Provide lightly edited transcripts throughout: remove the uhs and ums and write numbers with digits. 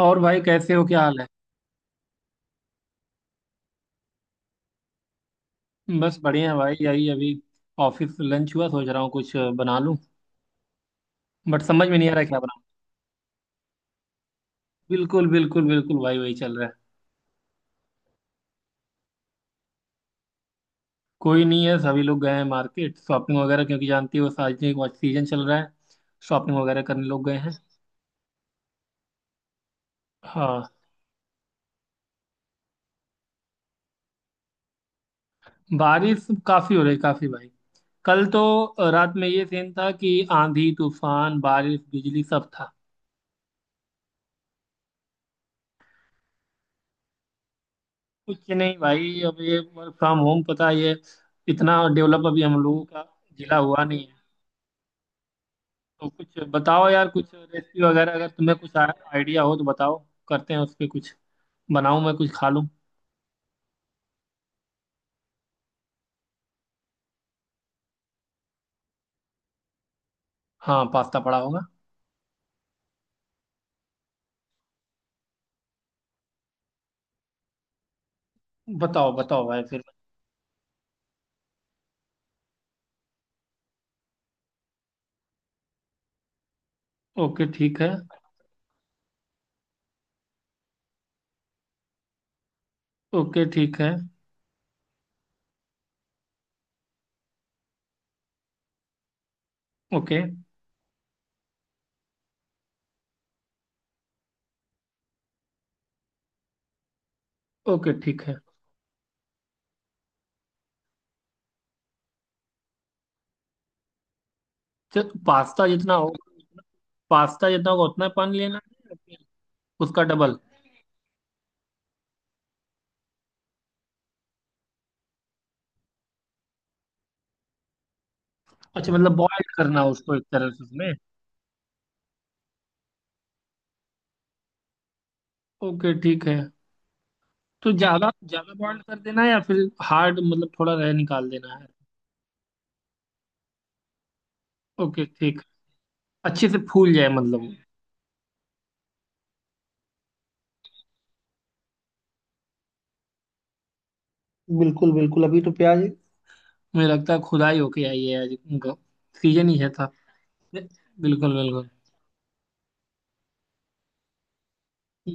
और भाई कैसे हो, क्या हाल है? बस बढ़िया है भाई, यही अभी ऑफिस लंच हुआ, सोच रहा हूँ कुछ बना लूं। बट समझ में नहीं आ रहा क्या बनाऊं। बिल्कुल बिल्कुल बिल्कुल, भाई वही चल रहा है। कोई नहीं है, सभी लोग गए हैं मार्केट, शॉपिंग वगैरह, क्योंकि जानती हो शादी का सीजन चल रहा है। शॉपिंग वगैरह करने लोग गए हैं। हाँ। बारिश काफी हो रही, काफी भाई। कल तो रात में ये सीन था कि आंधी, तूफान, बारिश, बिजली सब था। कुछ नहीं भाई, अब ये वर्क फ्रॉम होम पता है, ये इतना डेवलप अभी हम लोगों का जिला हुआ नहीं है। तो कुछ बताओ यार, कुछ रेसिपी वगैरह अगर तुम्हें कुछ आइडिया हो तो बताओ। करते हैं उस पे कुछ, बनाऊं मैं कुछ खा लूं। हाँ, पास्ता पड़ा होगा। बताओ बताओ भाई फिर। ओके ठीक है। ओके ठीक है। ओके ओके ठीक है। चल पास्ता जितना होगा उतना- पास्ता जितना होगा उतना पानी लेना है या फिर उसका डबल? अच्छा, मतलब बॉईल करना है उसको एक तरह से उसमें। ओके ठीक है। तो ज्यादा ज्यादा बॉईल कर देना है या फिर हार्ड मतलब थोड़ा रह निकाल देना है? ओके ठीक। अच्छे से फूल जाए मतलब। बिल्कुल बिल्कुल, अभी तो प्याज मुझे लगता है खुदाई होके आई है आज। उनका सीजन ही है था। बिल्कुल बिल्कुल।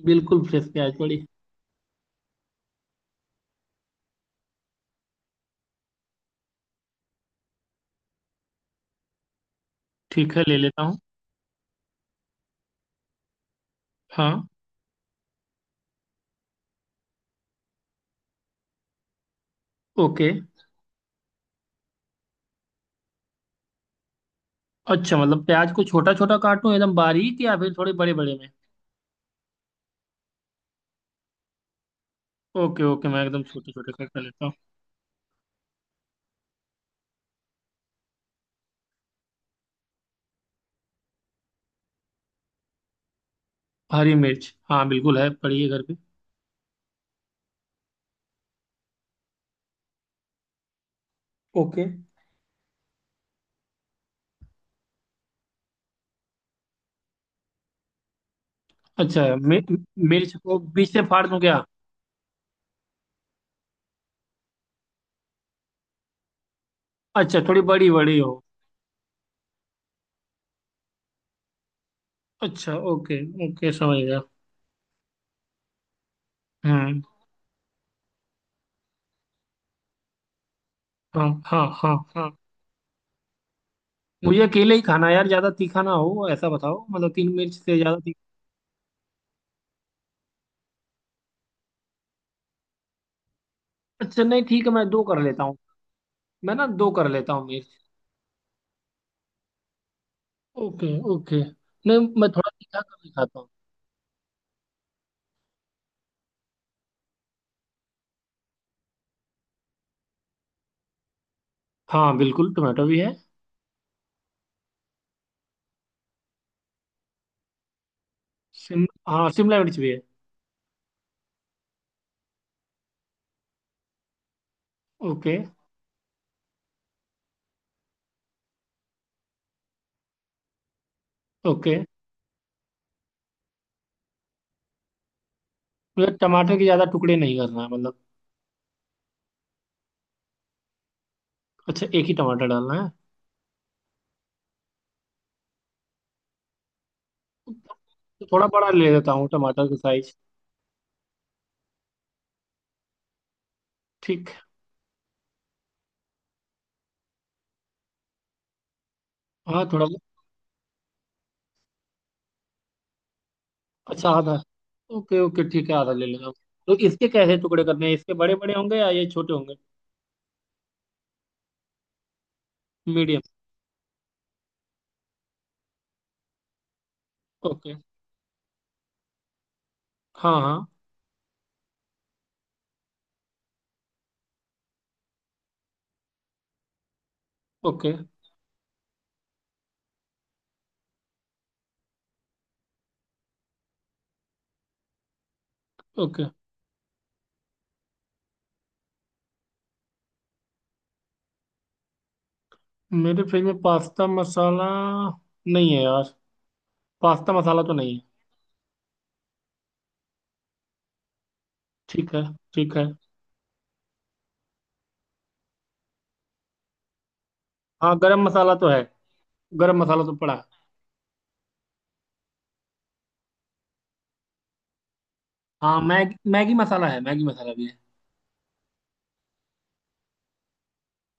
बिल्कुल फ्रेश प्याज पड़ी। ठीक है ले लेता हूँ। हाँ। ओके। अच्छा, मतलब प्याज को छोटा छोटा काटूं एकदम बारीक या फिर थोड़े बड़े बड़े में? ओके ओके, मैं एकदम छोटे छोटे कट कर लेता हूँ। हरी मिर्च हाँ, बिल्कुल है, पड़ी है घर पे। ओके। अच्छा मि, मिर्च को बीच से फाड़ दूं क्या? अच्छा, थोड़ी बड़ी बड़ी हो। अच्छा ओके। ओके समझ गया। हम्म। हाँ हाँ हाँ हाँ। मुझे अकेले ही खाना है यार, ज्यादा तीखा ना हो, ऐसा बताओ। मतलब तीन मिर्च से ज्यादा तीखा? अच्छा नहीं, ठीक है मैं दो कर लेता हूँ। मैं ना दो कर लेता हूँ मिर्च। Okay okay. नहीं, मैं थोड़ा तीखा कम ही खाता हूँ। हाँ, बिल्कुल टमाटो भी है। शिम हाँ शिमला मिर्च भी है। ओके। ओके, मतलब टमाटर के ज्यादा टुकड़े नहीं करना है मतलब? अच्छा, एक ही टमाटर डालना है? तो थोड़ा बड़ा ले लेता हूँ टमाटर का साइज। ठीक। हाँ थोड़ा। अच्छा आधा। ओके ओके ठीक है, आधा ले लेता हूँ। तो इसके कैसे टुकड़े करने हैं, इसके बड़े बड़े होंगे या ये छोटे होंगे? मीडियम। ओके। हाँ हाँ। Okay okay. मेरे फ्रिज में पास्ता मसाला नहीं है यार। पास्ता मसाला तो नहीं है। ठीक है। ठीक है। हाँ गरम मसाला तो है। गरम मसाला तो पड़ा है। हाँ मैगी, मैगी मसाला है। मैगी मसाला भी है।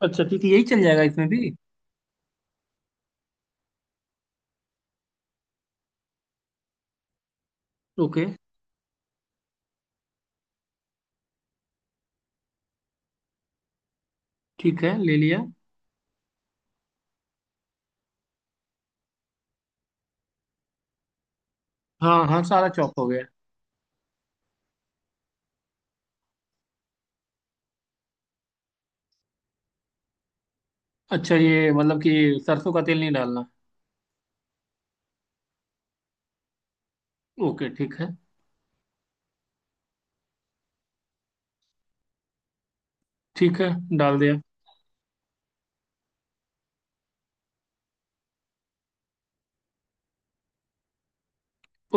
अच्छा ठीक है, यही चल जाएगा इसमें भी। ओके ठीक है, ले लिया। हाँ हाँ, सारा चॉप हो गया। अच्छा, ये मतलब कि सरसों का तेल नहीं डालना? ओके ठीक है। ठीक है, डाल दिया।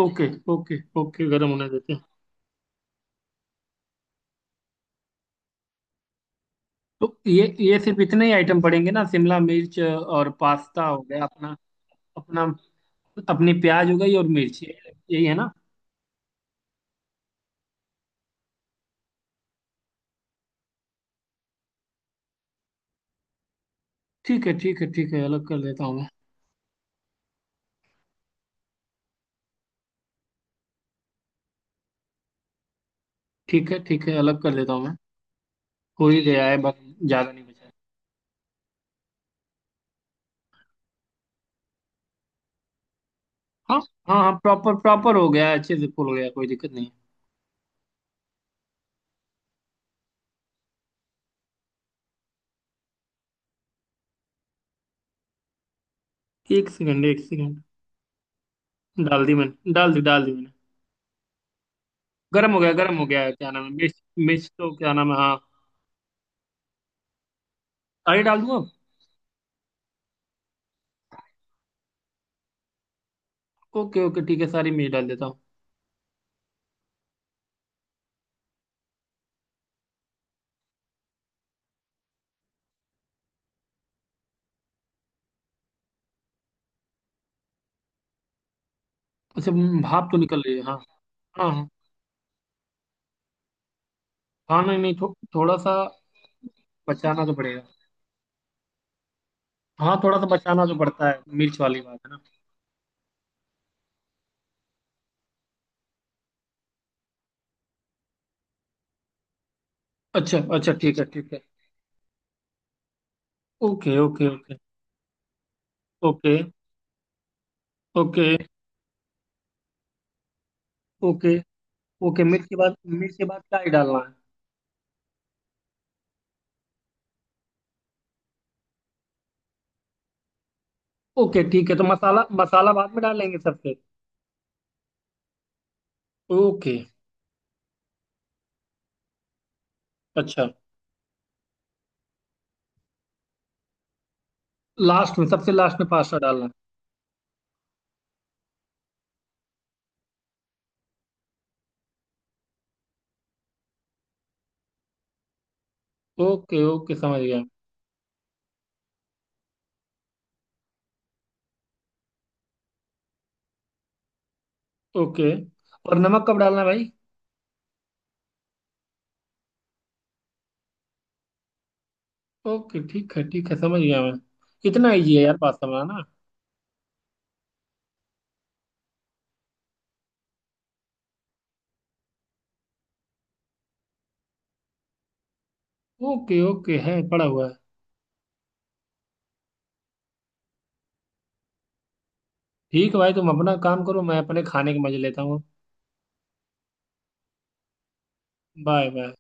ओके ओके ओके, गरम होने देते हैं। तो ये सिर्फ इतने ही आइटम पड़ेंगे ना, शिमला मिर्च और पास्ता हो गया अपना, अपना, अपनी प्याज हो गई और मिर्च यही है ना? ठीक है ठीक है ठीक है, अलग कर देता हूँ मैं। ठीक है ठीक है, अलग कर देता हूँ मैं। हो ही गया है बस, ज्यादा नहीं बचा है। हाँ हाँ। हाँ, प्रॉपर प्रॉपर हो गया है, अच्छे से फुल हो गया, कोई दिक्कत नहीं। है, एक सेकंड एक सेकंड। डाल दी मैंने, डाल दी मैंने। गर्म हो गया, गर्म हो गया है। क्या नाम है, मिर्च, मिर्च तो, क्या नाम है, हाँ। सारी डाल दूँ अब। ओके ओके ठीक है, सारी मिर्च डाल देता हूँ। अच्छा, भाप तो निकल रही है हाँ। हाँ हाँ। हाँ नहीं नहीं थो, थोड़ा सा बचाना तो पड़ेगा। हाँ, थोड़ा सा बचाना तो पड़ता है, मिर्च वाली बात है ना। अच्छा अच्छा ठीक है ठीक है। Okay okay okay. Okay. Okay okay okay. मिर्च के बाद, मिर्च के बाद क्या ही डालना है? ओके ठीक है, तो मसाला, मसाला बाद में डालेंगे सबसे? ओके। अच्छा, लास्ट में, सबसे लास्ट में पास्ता डालना है। ओके ओके समझ गया। ओके। और नमक कब डालना है भाई? ओके ठीक है ठीक है, समझ गया मैं। इतना ईजी है यार पास्ता बनाना। ओके ओके, है पड़ा हुआ है। ठीक है भाई, तुम अपना काम करो, मैं अपने खाने के मजे लेता हूँ। Bye bye.